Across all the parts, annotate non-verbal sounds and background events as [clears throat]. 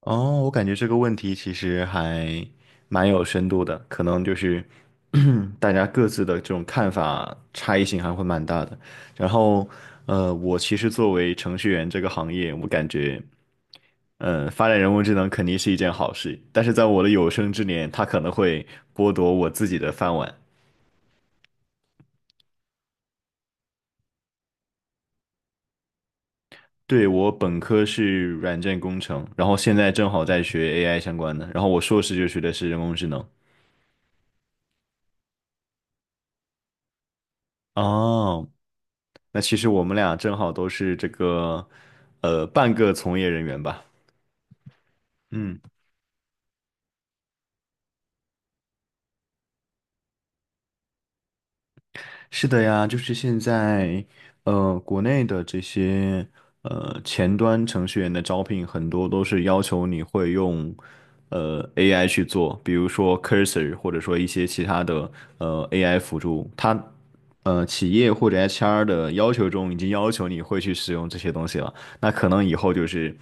哦，我感觉这个问题其实还蛮有深度的，可能就是 [clears throat] 大家各自的这种看法差异性还会蛮大的。然后，我其实作为程序员这个行业，我感觉，发展人工智能肯定是一件好事，但是在我的有生之年，它可能会剥夺我自己的饭碗。对，我本科是软件工程，然后现在正好在学 AI 相关的，然后我硕士就学的是人工智能。哦，那其实我们俩正好都是这个，半个从业人员吧。嗯。是的呀，就是现在，国内的这些前端程序员的招聘，很多都是要求你会用AI 去做，比如说 Cursor,或者说一些其他的AI 辅助。它企业或者 HR 的要求中已经要求你会去使用这些东西了。那可能以后就是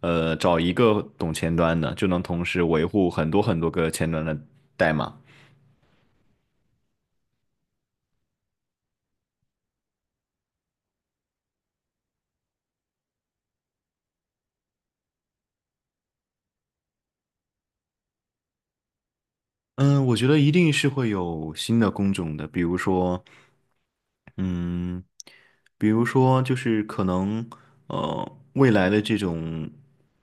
找一个懂前端的，就能同时维护很多很多个前端的代码。嗯，我觉得一定是会有新的工种的，比如说，嗯，比如说就是可能未来的这种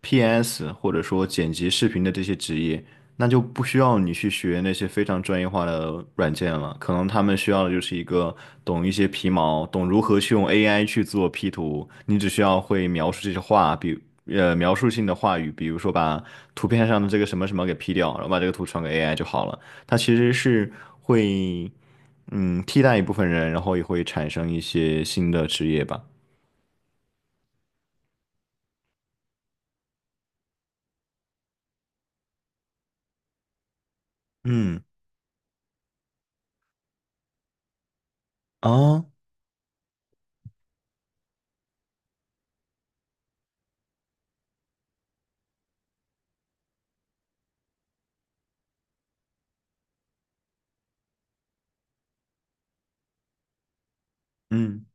PS 或者说剪辑视频的这些职业，那就不需要你去学那些非常专业化的软件了，可能他们需要的就是一个懂一些皮毛，懂如何去用 AI 去做 P 图，你只需要会描述这些话，描述性的话语，比如说把图片上的这个什么什么给 P 掉，然后把这个图传给 AI 就好了。它其实是会。嗯，替代一部分人，然后也会产生一些新的职业吧。嗯，啊，嗯，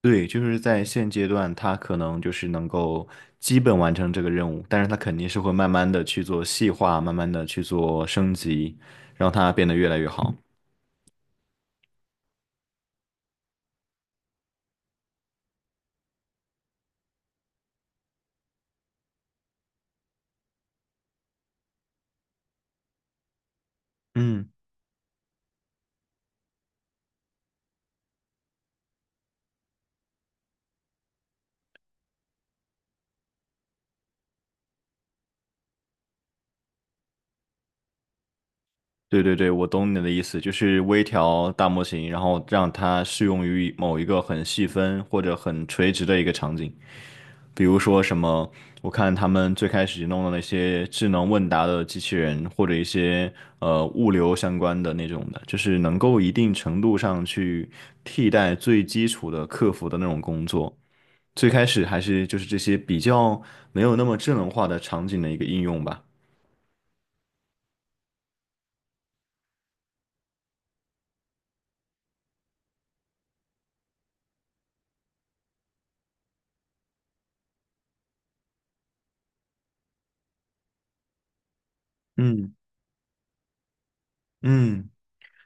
对，就是在现阶段，他可能就是能够基本完成这个任务，但是他肯定是会慢慢的去做细化，慢慢的去做升级，让它变得越来越好。嗯，对对对，我懂你的意思，就是微调大模型，然后让它适用于某一个很细分或者很垂直的一个场景。比如说什么，我看他们最开始弄的那些智能问答的机器人，或者一些物流相关的那种的，就是能够一定程度上去替代最基础的客服的那种工作。最开始还是就是这些比较没有那么智能化的场景的一个应用吧。嗯嗯。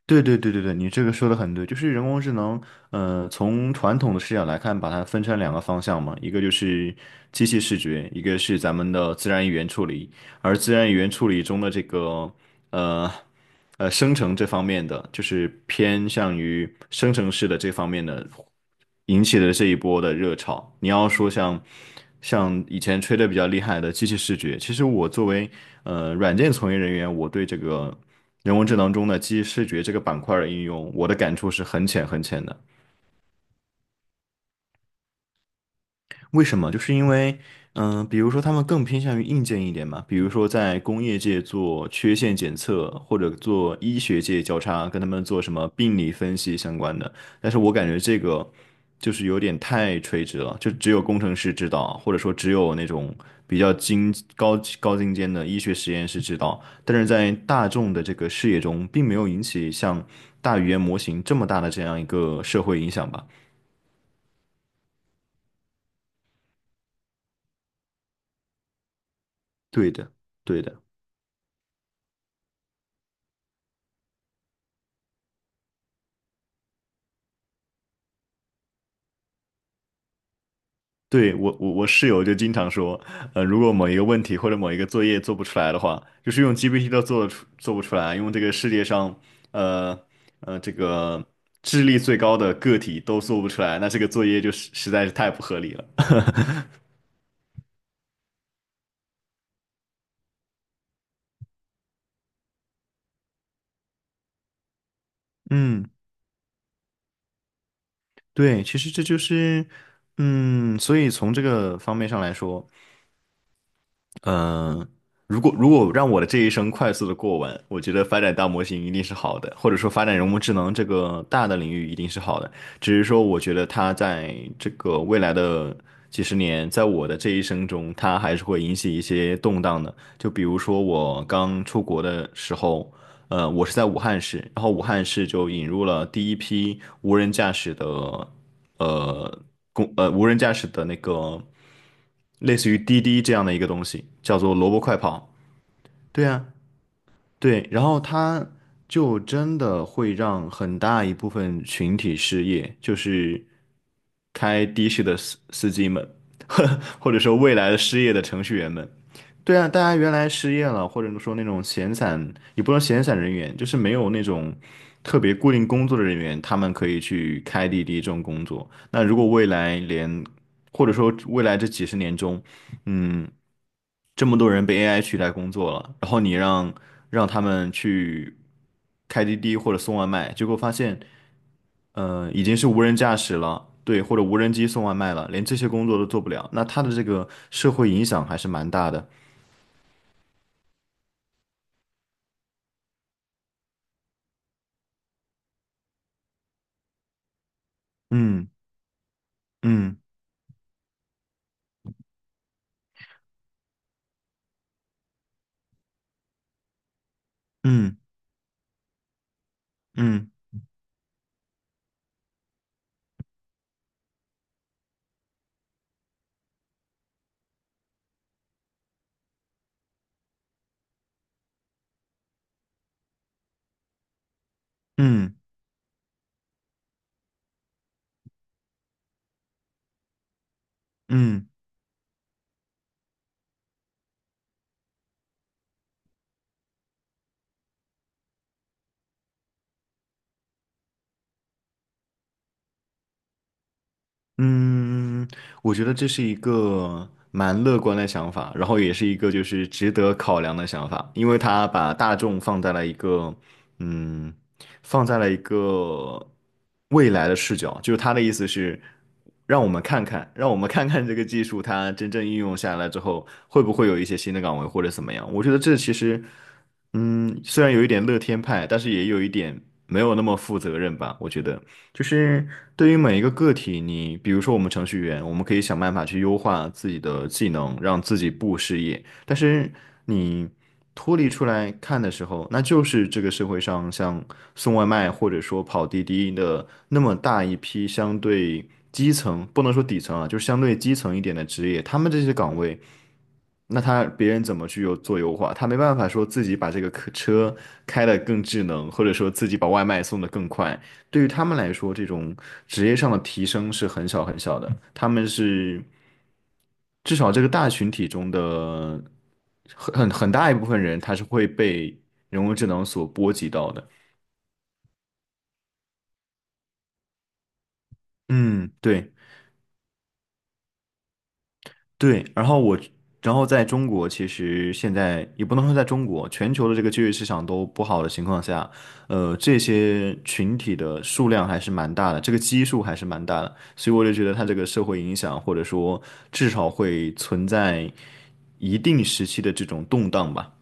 对对对对对，你这个说的很对，就是人工智能，从传统的视角来看，把它分成两个方向嘛，一个就是机器视觉，一个是咱们的自然语言处理，而自然语言处理中的这个，呃，生成这方面的，就是偏向于生成式的这方面的，引起的这一波的热潮。你要说像以前吹的比较厉害的机器视觉，其实我作为软件从业人员，我对这个。人工智能中的机器视觉这个板块的应用，我的感触是很浅很浅的。为什么？就是因为，嗯、比如说他们更偏向于硬件一点嘛，比如说在工业界做缺陷检测，或者做医学界交叉，跟他们做什么病理分析相关的。但是我感觉这个就是有点太垂直了，就只有工程师知道，或者说只有那种比较高尖的医学实验室知道。但是在大众的这个视野中，并没有引起像大语言模型这么大的这样一个社会影响吧？对的，对的。对，我室友就经常说，如果某一个问题或者某一个作业做不出来的话，就是用 GPT 都做不出来，用这个世界上，呃这个智力最高的个体都做不出来，那这个作业就在是太不合理了。[laughs] 嗯，对，其实这就是，嗯，所以从这个方面上来说。嗯，呃如果让我的这一生快速的过完，我觉得发展大模型一定是好的，或者说发展人工智能这个大的领域一定是好的。只是说，我觉得它在这个未来的几十年，在我的这一生中，它还是会引起一些动荡的。就比如说我刚出国的时候，我是在武汉市，然后武汉市就引入了第一批无人驾驶的。呃公呃无人驾驶的那个类似于滴滴这样的一个东西，叫做萝卜快跑。对啊，对，然后他就真的会让很大一部分群体失业，就是开的士的司机们，[laughs] 或者说未来的失业的程序员们。对啊，大家原来失业了，或者说那种闲散，也不能闲散人员，就是没有那种特别固定工作的人员，他们可以去开滴滴这种工作。那如果未来连，或者说未来这几十年中，嗯。这么多人被 AI 取代工作了，然后你让他们去开滴滴或者送外卖，结果发现，已经是无人驾驶了，对，或者无人机送外卖了，连这些工作都做不了，那它的这个社会影响还是蛮大的。嗯嗯嗯嗯嗯嗯嗯。嗯，我觉得这是一个蛮乐观的想法，然后也是一个就是值得考量的想法，因为他把大众放在了一个，嗯，放在了一个未来的视角，就是他的意思是，让我们看看，让我们看看这个技术它真正应用下来之后，会不会有一些新的岗位或者怎么样？我觉得这其实，嗯，虽然有一点乐天派，但是也有一点没有那么负责任吧，我觉得。就是对于每一个个体，你比如说我们程序员，我们可以想办法去优化自己的技能，让自己不失业。但是你脱离出来看的时候，那就是这个社会上像送外卖或者说跑滴滴的那么大一批相对基层，不能说底层啊，就是相对基层一点的职业，他们这些岗位。那他别人怎么去优化？他没办法说自己把这个客车开得更智能，或者说自己把外卖送得更快。对于他们来说，这种职业上的提升是很小很小的。他们是至少这个大群体中的很很大一部分人，他是会被人工智能所波及到的。嗯，对。对，然后我，然后在中国，其实现在也不能说在中国，全球的这个就业市场都不好的情况下，这些群体的数量还是蛮大的，这个基数还是蛮大的，所以我就觉得它这个社会影响，或者说至少会存在一定时期的这种动荡吧。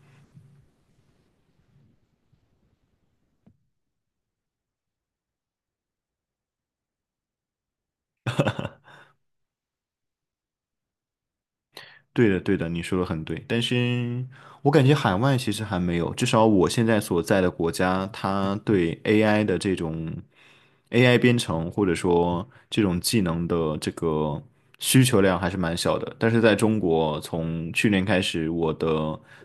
对的，对的，你说的很对，但是我感觉海外其实还没有，至少我现在所在的国家，它对 AI 的这种。AI 编程或者说这种技能的这个需求量还是蛮小的。但是在中国，从去年开始，我的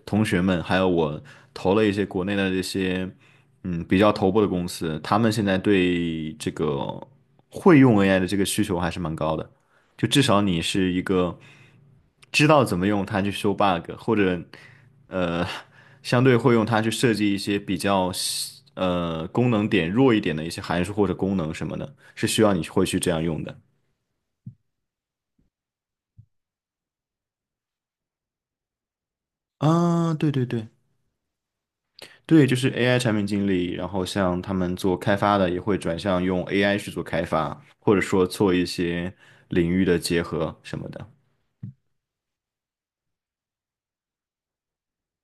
同学们还有我投了一些国内的这些比较头部的公司，他们现在对这个会用 AI 的这个需求还是蛮高的。就至少你是一个知道怎么用它去修 bug,或者呃相对会用它去设计一些比较功能点弱一点的一些函数或者功能什么的，是需要你会去这样用的。啊，对对，就是 AI 产品经理，然后像他们做开发的也会转向用 AI 去做开发，或者说做一些领域的结合什么的。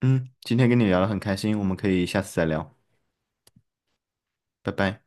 嗯，今天跟你聊得很开心，我们可以下次再聊，拜拜。